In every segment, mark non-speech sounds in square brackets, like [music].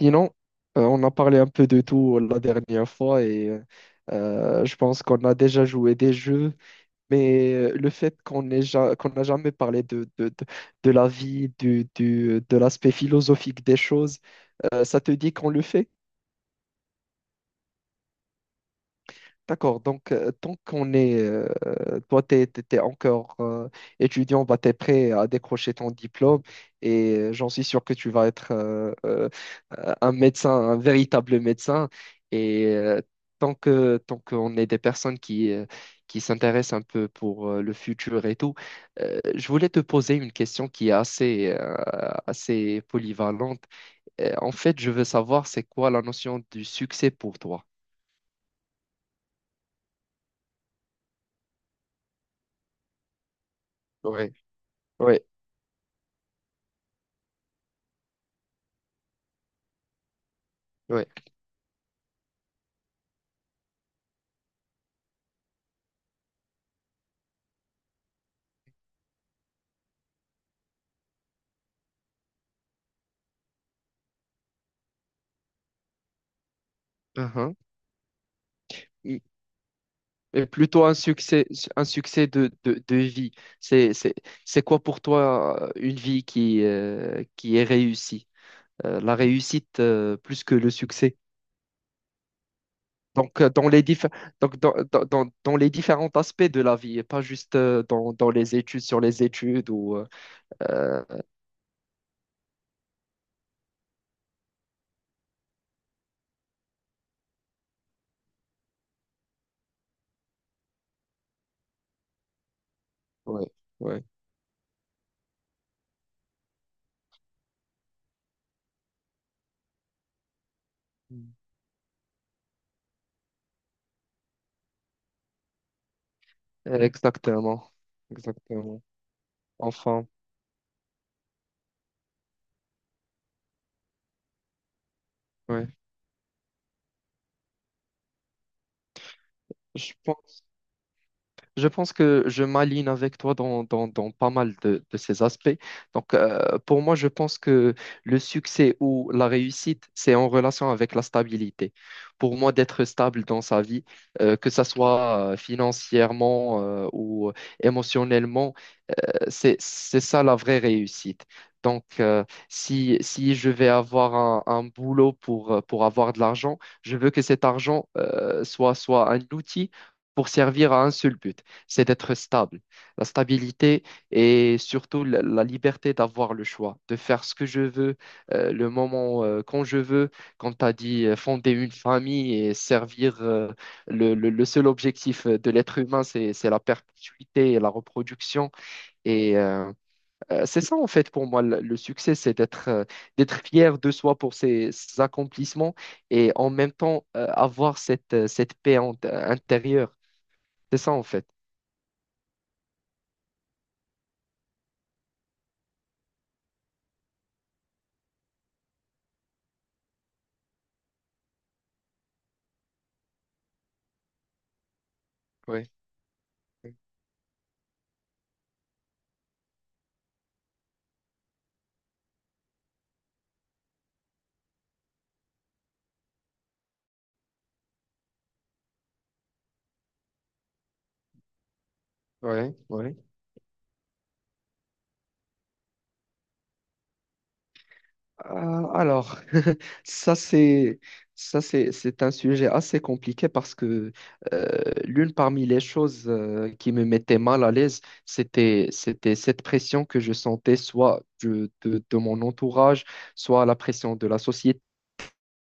Sinon, on a parlé un peu de tout la dernière fois et je pense qu'on a déjà joué des jeux, mais le fait qu'on n'a jamais parlé de la vie, de l'aspect philosophique des choses, ça te dit qu'on le fait? D'accord, donc tant qu'on est, toi t'es encore étudiant, bah, t'es prêt à décrocher ton diplôme et j'en suis sûr que tu vas être un médecin, un véritable médecin. Et tant qu'on est des personnes qui s'intéressent un peu pour le futur et tout, je voulais te poser une question qui est assez, assez polyvalente. En fait, je veux savoir c'est quoi la notion du succès pour toi? Oui, oui, oui. et et plutôt un succès de vie. C'est, c'est, c'est quoi pour toi une vie qui est réussie? La réussite plus que le succès. Donc, donc dans les différents aspects de la vie, et pas juste dans les études, sur les études ou... euh, ouais, ouais. Mm. Exactement. Exactement. Enfin, ouais. Je pense Je pense que je m'aligne avec toi dans pas mal de ces aspects. Donc, pour moi, je pense que le succès ou la réussite, c'est en relation avec la stabilité. Pour moi, d'être stable dans sa vie, que ça soit financièrement ou émotionnellement, c'est ça la vraie réussite. Donc, si, si je vais avoir un boulot pour avoir de l'argent, je veux que cet argent soit un outil pour servir à un seul but, c'est d'être stable. La stabilité et surtout la, la liberté d'avoir le choix, de faire ce que je veux, le moment quand je veux, quand tu as dit, fonder une famille et servir le seul objectif de l'être humain, c'est la perpétuité et la reproduction. Et c'est ça en fait pour moi le succès, c'est d'être d'être fier de soi pour ses, ses accomplissements et en même temps avoir cette, intérieure. C'est ça en fait. Oui, oui, oui. Alors, [laughs] ça c'est ça c'est un sujet assez compliqué parce que l'une parmi les choses qui me mettait mal à l'aise, c'était cette pression que je sentais soit de mon entourage, soit la pression de la société.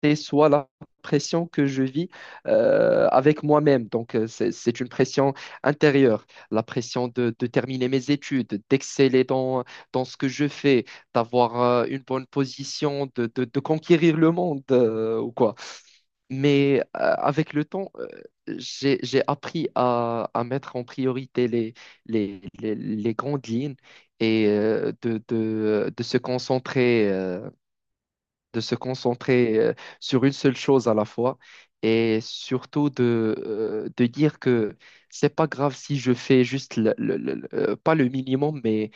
C'est soit la pression que je vis avec moi-même. Donc, c'est une pression intérieure, la pression de terminer mes études, d'exceller dans ce que je fais, d'avoir une bonne position, de conquérir le monde ou quoi. Mais avec le temps, j'ai appris à mettre en priorité les grandes lignes et de se concentrer. De se concentrer sur une seule chose à la fois et surtout de dire que c'est pas grave si je fais juste pas le minimum mais,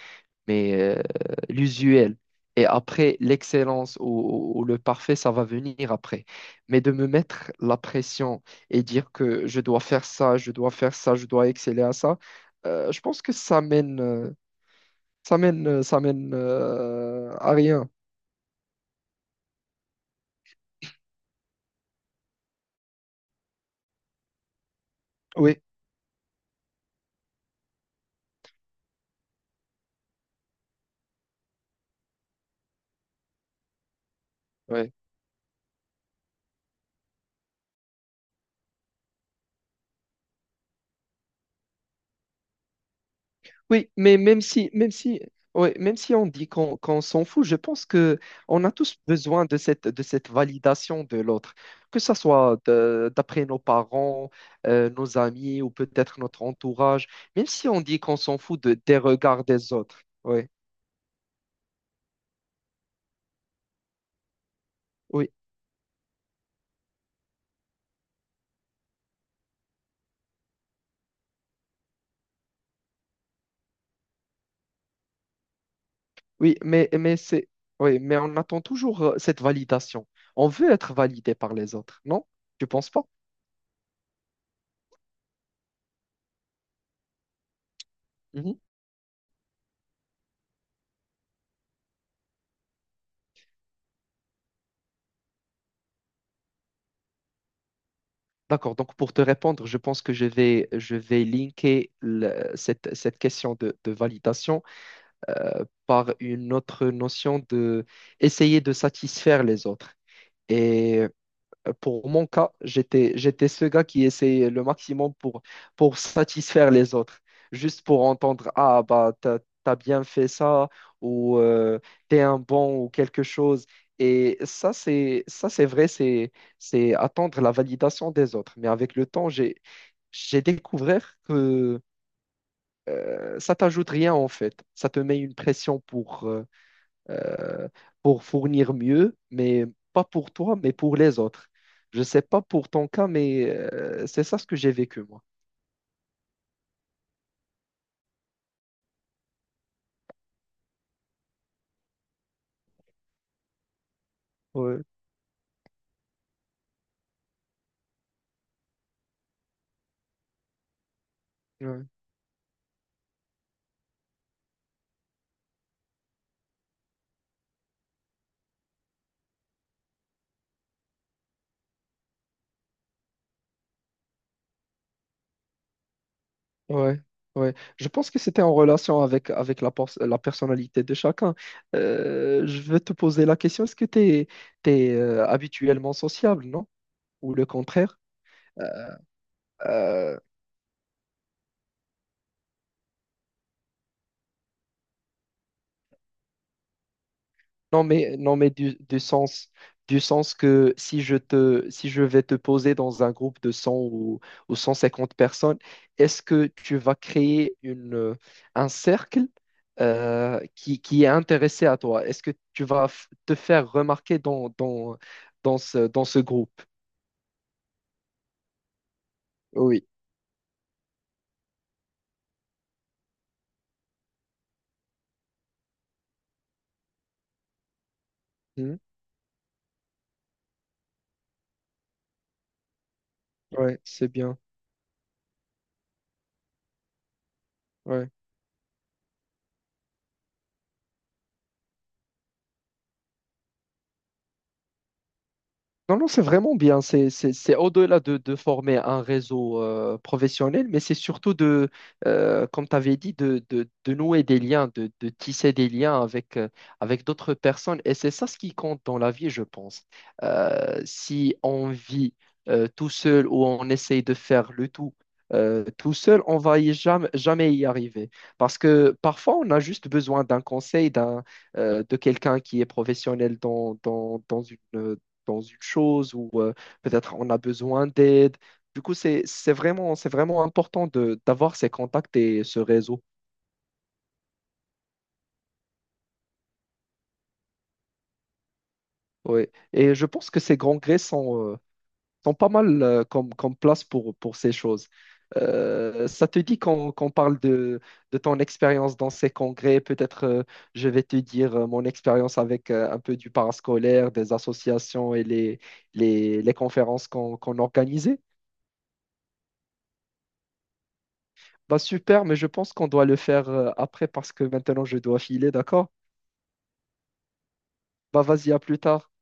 mais l'usuel. Et après, l'excellence ou le parfait, ça va venir après. Mais de me mettre la pression et dire que je dois faire ça, je dois faire ça, je dois exceller à ça, je pense que ça mène à rien. Oui. Oui. Oui, mais même si, ouais, même si on dit qu'on s'en fout, je pense que on a tous besoin de cette validation de l'autre, que ce soit d'après nos parents, nos amis ou peut-être notre entourage, même si on dit qu'on s'en fout de, des regards des autres. Oui, oui, oui, oui, mais on attend toujours cette validation. On veut être validé par les autres, non? Tu penses pas? D'accord, donc pour te répondre, je pense que je vais linker cette, cette question de validation par une autre notion de essayer de satisfaire les autres. Et pour mon cas, j'étais ce gars qui essayait le maximum pour satisfaire les autres, juste pour entendre, ah, bah, t'as bien fait ça, ou t'es un bon, ou quelque chose. Et ça, c'est vrai, c'est attendre la validation des autres. Mais avec le temps, j'ai découvert que ça t'ajoute rien, en fait. Ça te met une pression euh, pour fournir mieux, mais pas pour toi, mais pour les autres. Je sais pas pour ton cas, mais c'est ça ce que j'ai vécu, moi. Ouais, ouais, ouais, ouais. Je pense que c'était en relation avec, avec la personnalité de chacun. Je veux te poser la question, est-ce que tu es, habituellement sociable, non? Ou le contraire? Euh, non mais du sens que si je te si je vais te poser dans un groupe de 100 ou 150 personnes, est-ce que tu vas créer une un cercle qui est intéressé à toi? Est-ce que tu vas te faire remarquer dans ce groupe? Oui. Hmm. Ouais, c'est bien. Ouais. Non, non, c'est vraiment bien. C'est au-delà de former un réseau professionnel, mais c'est surtout de, comme tu avais dit, de nouer des liens, de tisser des liens avec, avec d'autres personnes. Et c'est ça ce qui compte dans la vie, je pense. Si on vit tout seul ou on essaye de faire le tout tout seul, on va y jamais, jamais y arriver. Parce que parfois, on a juste besoin d'un conseil, d'un, de quelqu'un qui est professionnel dans une chose ou peut-être on a besoin d'aide. Du coup, c'est vraiment important de, d'avoir ces contacts et ce réseau. Ouais. Et je pense que ces grands grés sont, sont pas mal comme place pour ces choses. Ça te dit qu'on parle de ton expérience dans ces congrès. Peut-être je vais te dire mon expérience avec un peu du parascolaire, des associations et les conférences qu'on organisait. Bah super, mais je pense qu'on doit le faire après parce que maintenant je dois filer, d'accord? Bah vas-y, à plus tard.